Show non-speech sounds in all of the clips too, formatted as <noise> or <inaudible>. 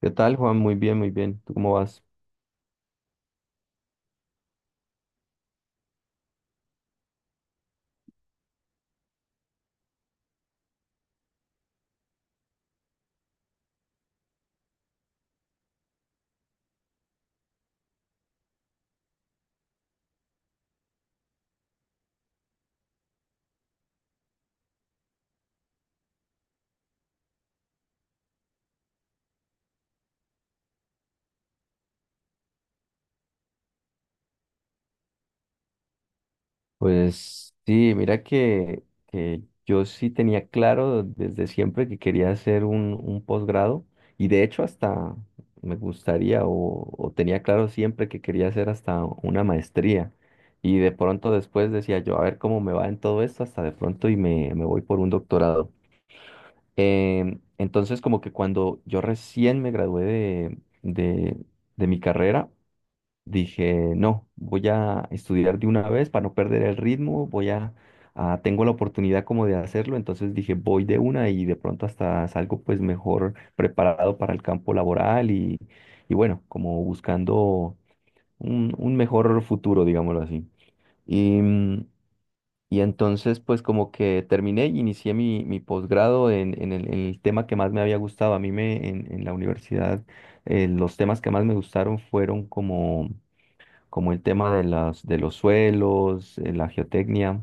¿Qué tal, Juan? Muy bien, muy bien. ¿Tú cómo vas? Pues sí, mira que yo sí tenía claro desde siempre que quería hacer un posgrado y de hecho hasta me gustaría o tenía claro siempre que quería hacer hasta una maestría y de pronto después decía yo, a ver cómo me va en todo esto hasta de pronto y me voy por un doctorado. Entonces como que cuando yo recién me gradué de de mi carrera, dije, no, voy a estudiar de una vez para no perder el ritmo, tengo la oportunidad como de hacerlo, entonces dije, voy de una y de pronto hasta salgo pues mejor preparado para el campo laboral y bueno, como buscando un mejor futuro, digámoslo así. Y, mm, y entonces pues como que terminé y inicié mi posgrado en el tema que más me había gustado. A mí en la universidad, los temas que más me gustaron fueron como como el tema de de los suelos, la geotecnia,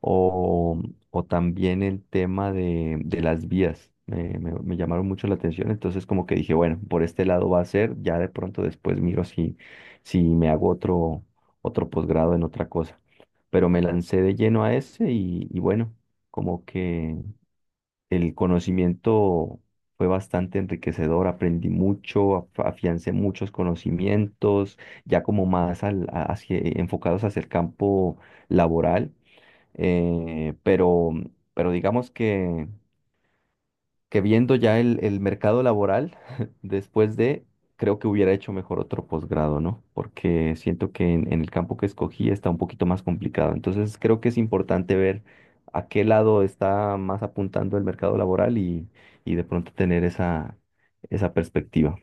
o, o también el tema de las vías. Me llamaron mucho la atención, entonces como que dije, bueno, por este lado va a ser, ya de pronto después miro si me hago otro posgrado en otra cosa. Pero me lancé de lleno a ese y bueno, como que el conocimiento fue bastante enriquecedor, aprendí mucho, afiancé muchos conocimientos, ya como más enfocados hacia el campo laboral, eh, pero, pero digamos que viendo ya el mercado laboral, <laughs> después de, creo que hubiera hecho mejor otro posgrado, ¿no? Porque siento que en el campo que escogí está un poquito más complicado. Entonces creo que es importante ver a qué lado está más apuntando el mercado laboral y de pronto tener esa perspectiva.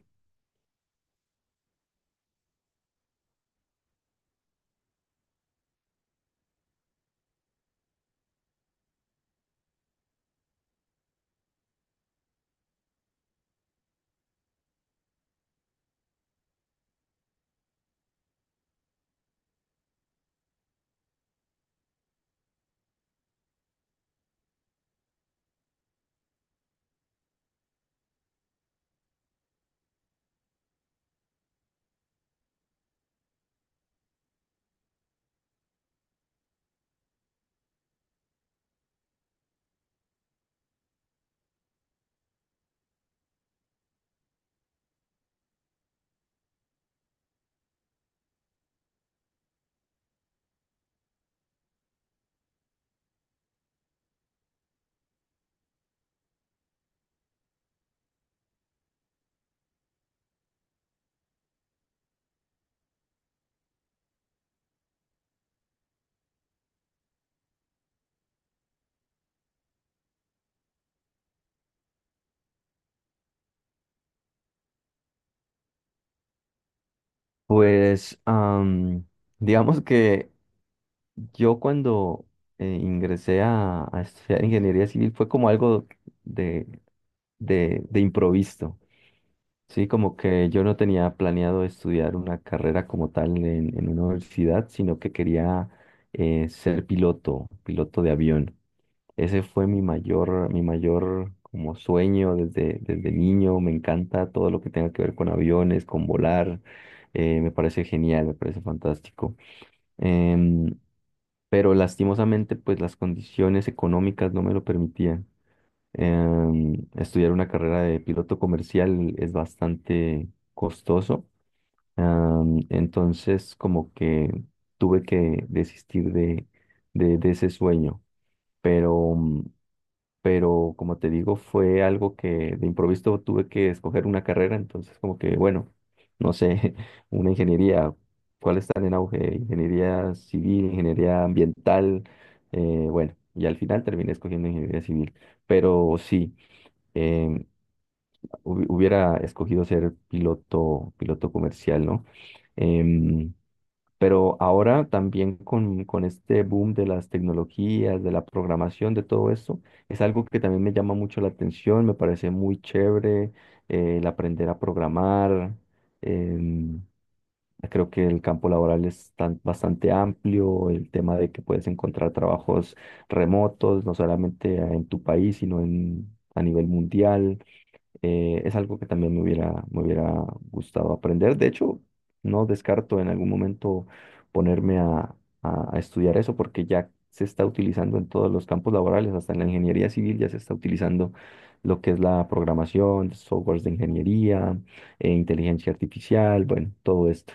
Pues digamos que yo cuando ingresé a estudiar ingeniería civil fue como algo de, de improviso. Sí, como que yo no tenía planeado estudiar una carrera como tal en una universidad, sino que quería ser piloto, piloto de avión. Ese fue mi mayor como sueño desde, desde niño. Me encanta todo lo que tenga que ver con aviones, con volar. Me parece genial, me parece fantástico. Em, pero lastimosamente, pues las condiciones económicas no me lo permitían. Estudiar una carrera de piloto comercial es bastante costoso. Entonces, como que tuve que desistir de ese sueño. Pero, mm, pero, como te digo, fue algo que de improviso tuve que escoger una carrera. Entonces, como que, bueno, no sé, <laughs> una ingeniería, ¿cuáles están en auge? Ingeniería civil, ingeniería ambiental. Bueno, y al final terminé escogiendo ingeniería civil. Pero sí em, hubiera escogido ser piloto, piloto comercial, ¿no? Em, pero ahora también con este boom de las tecnologías, de la programación, de todo esto, es algo que también me llama mucho la atención, me parece muy chévere el aprender a programar. em, Creo que el campo laboral es bastante amplio, el tema de que puedes encontrar trabajos remotos, no solamente en tu país, sino en, a nivel mundial. Es algo que también me hubiera gustado aprender. De hecho, no descarto en algún momento ponerme a estudiar eso porque ya se está utilizando en todos los campos laborales, hasta en la ingeniería civil ya se está utilizando lo que es la programación, softwares de ingeniería, inteligencia artificial, bueno, todo esto.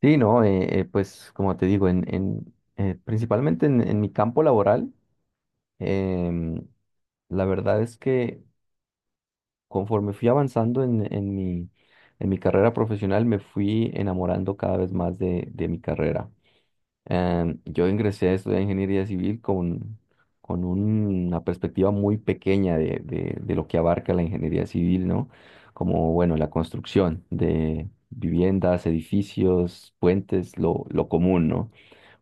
Sí, no, pues como te digo, principalmente en mi campo laboral, em, la verdad es que conforme fui avanzando en mi carrera profesional, me fui enamorando cada vez más de mi carrera. Yo ingresé a estudiar ingeniería civil con una perspectiva muy pequeña de, de lo que abarca la ingeniería civil, ¿no? Como, bueno, la construcción de viviendas, edificios, puentes, lo común, ¿no?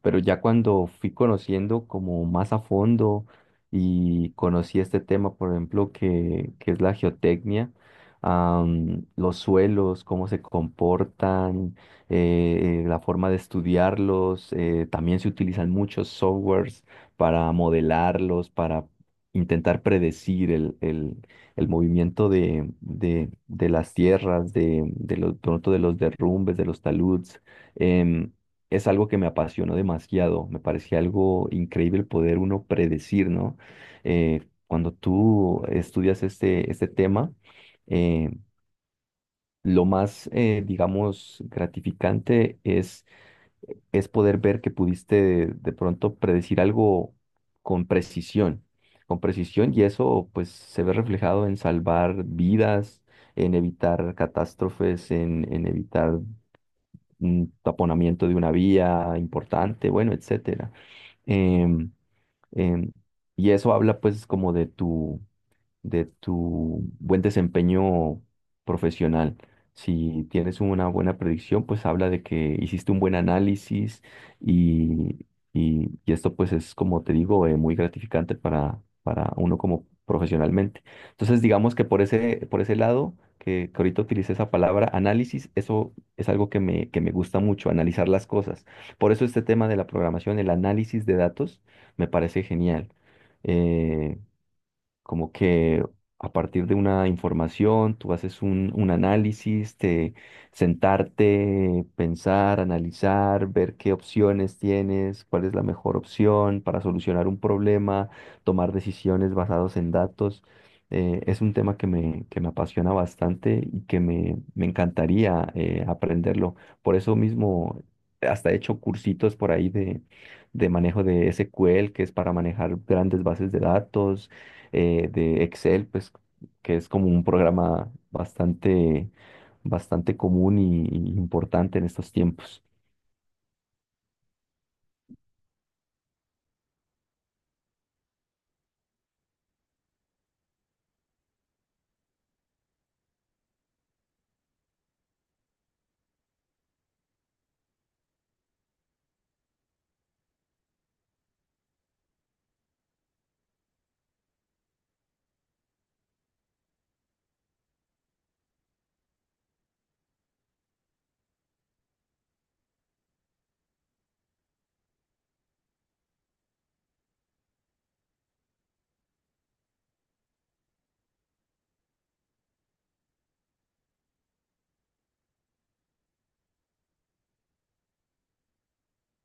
Pero ya cuando fui conociendo como más a fondo y conocí este tema, por ejemplo, que es la geotecnia, los suelos, cómo se comportan, la forma de estudiarlos, también se utilizan muchos softwares para modelarlos, para intentar predecir el movimiento de las tierras, pronto de los derrumbes, de los taludes. em, es algo que me apasionó demasiado. Me parecía algo increíble el poder uno predecir, ¿no? Cuando tú estudias este tema, eh, lo más, digamos, gratificante es poder ver que pudiste de pronto predecir algo con precisión, con precisión, y eso pues se ve reflejado en salvar vidas, en evitar catástrofes, en evitar un taponamiento de una vía importante, bueno, etcétera. Em, em, y eso habla pues como de tu buen desempeño profesional. Si tienes una buena predicción, pues habla de que hiciste un buen análisis y, y esto pues es, como te digo, muy gratificante para uno como profesionalmente. Entonces, digamos que por ese lado, que ahorita utilicé esa palabra análisis, eso es algo que que me gusta mucho, analizar las cosas. Por eso este tema de la programación, el análisis de datos, me parece genial. Eh, Como que a partir de una información tú haces un análisis, te sentarte, pensar, analizar, ver qué opciones tienes, cuál es la mejor opción para solucionar un problema, tomar decisiones basadas en datos. Es un tema que que me apasiona bastante y que me encantaría aprenderlo. Por eso mismo, hasta he hecho cursitos por ahí de manejo de SQL, que es para manejar grandes bases de datos de Excel, pues que es como un programa bastante, bastante común y importante en estos tiempos.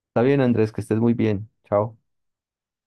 Está bien, Andrés, que estés muy bien. Chao.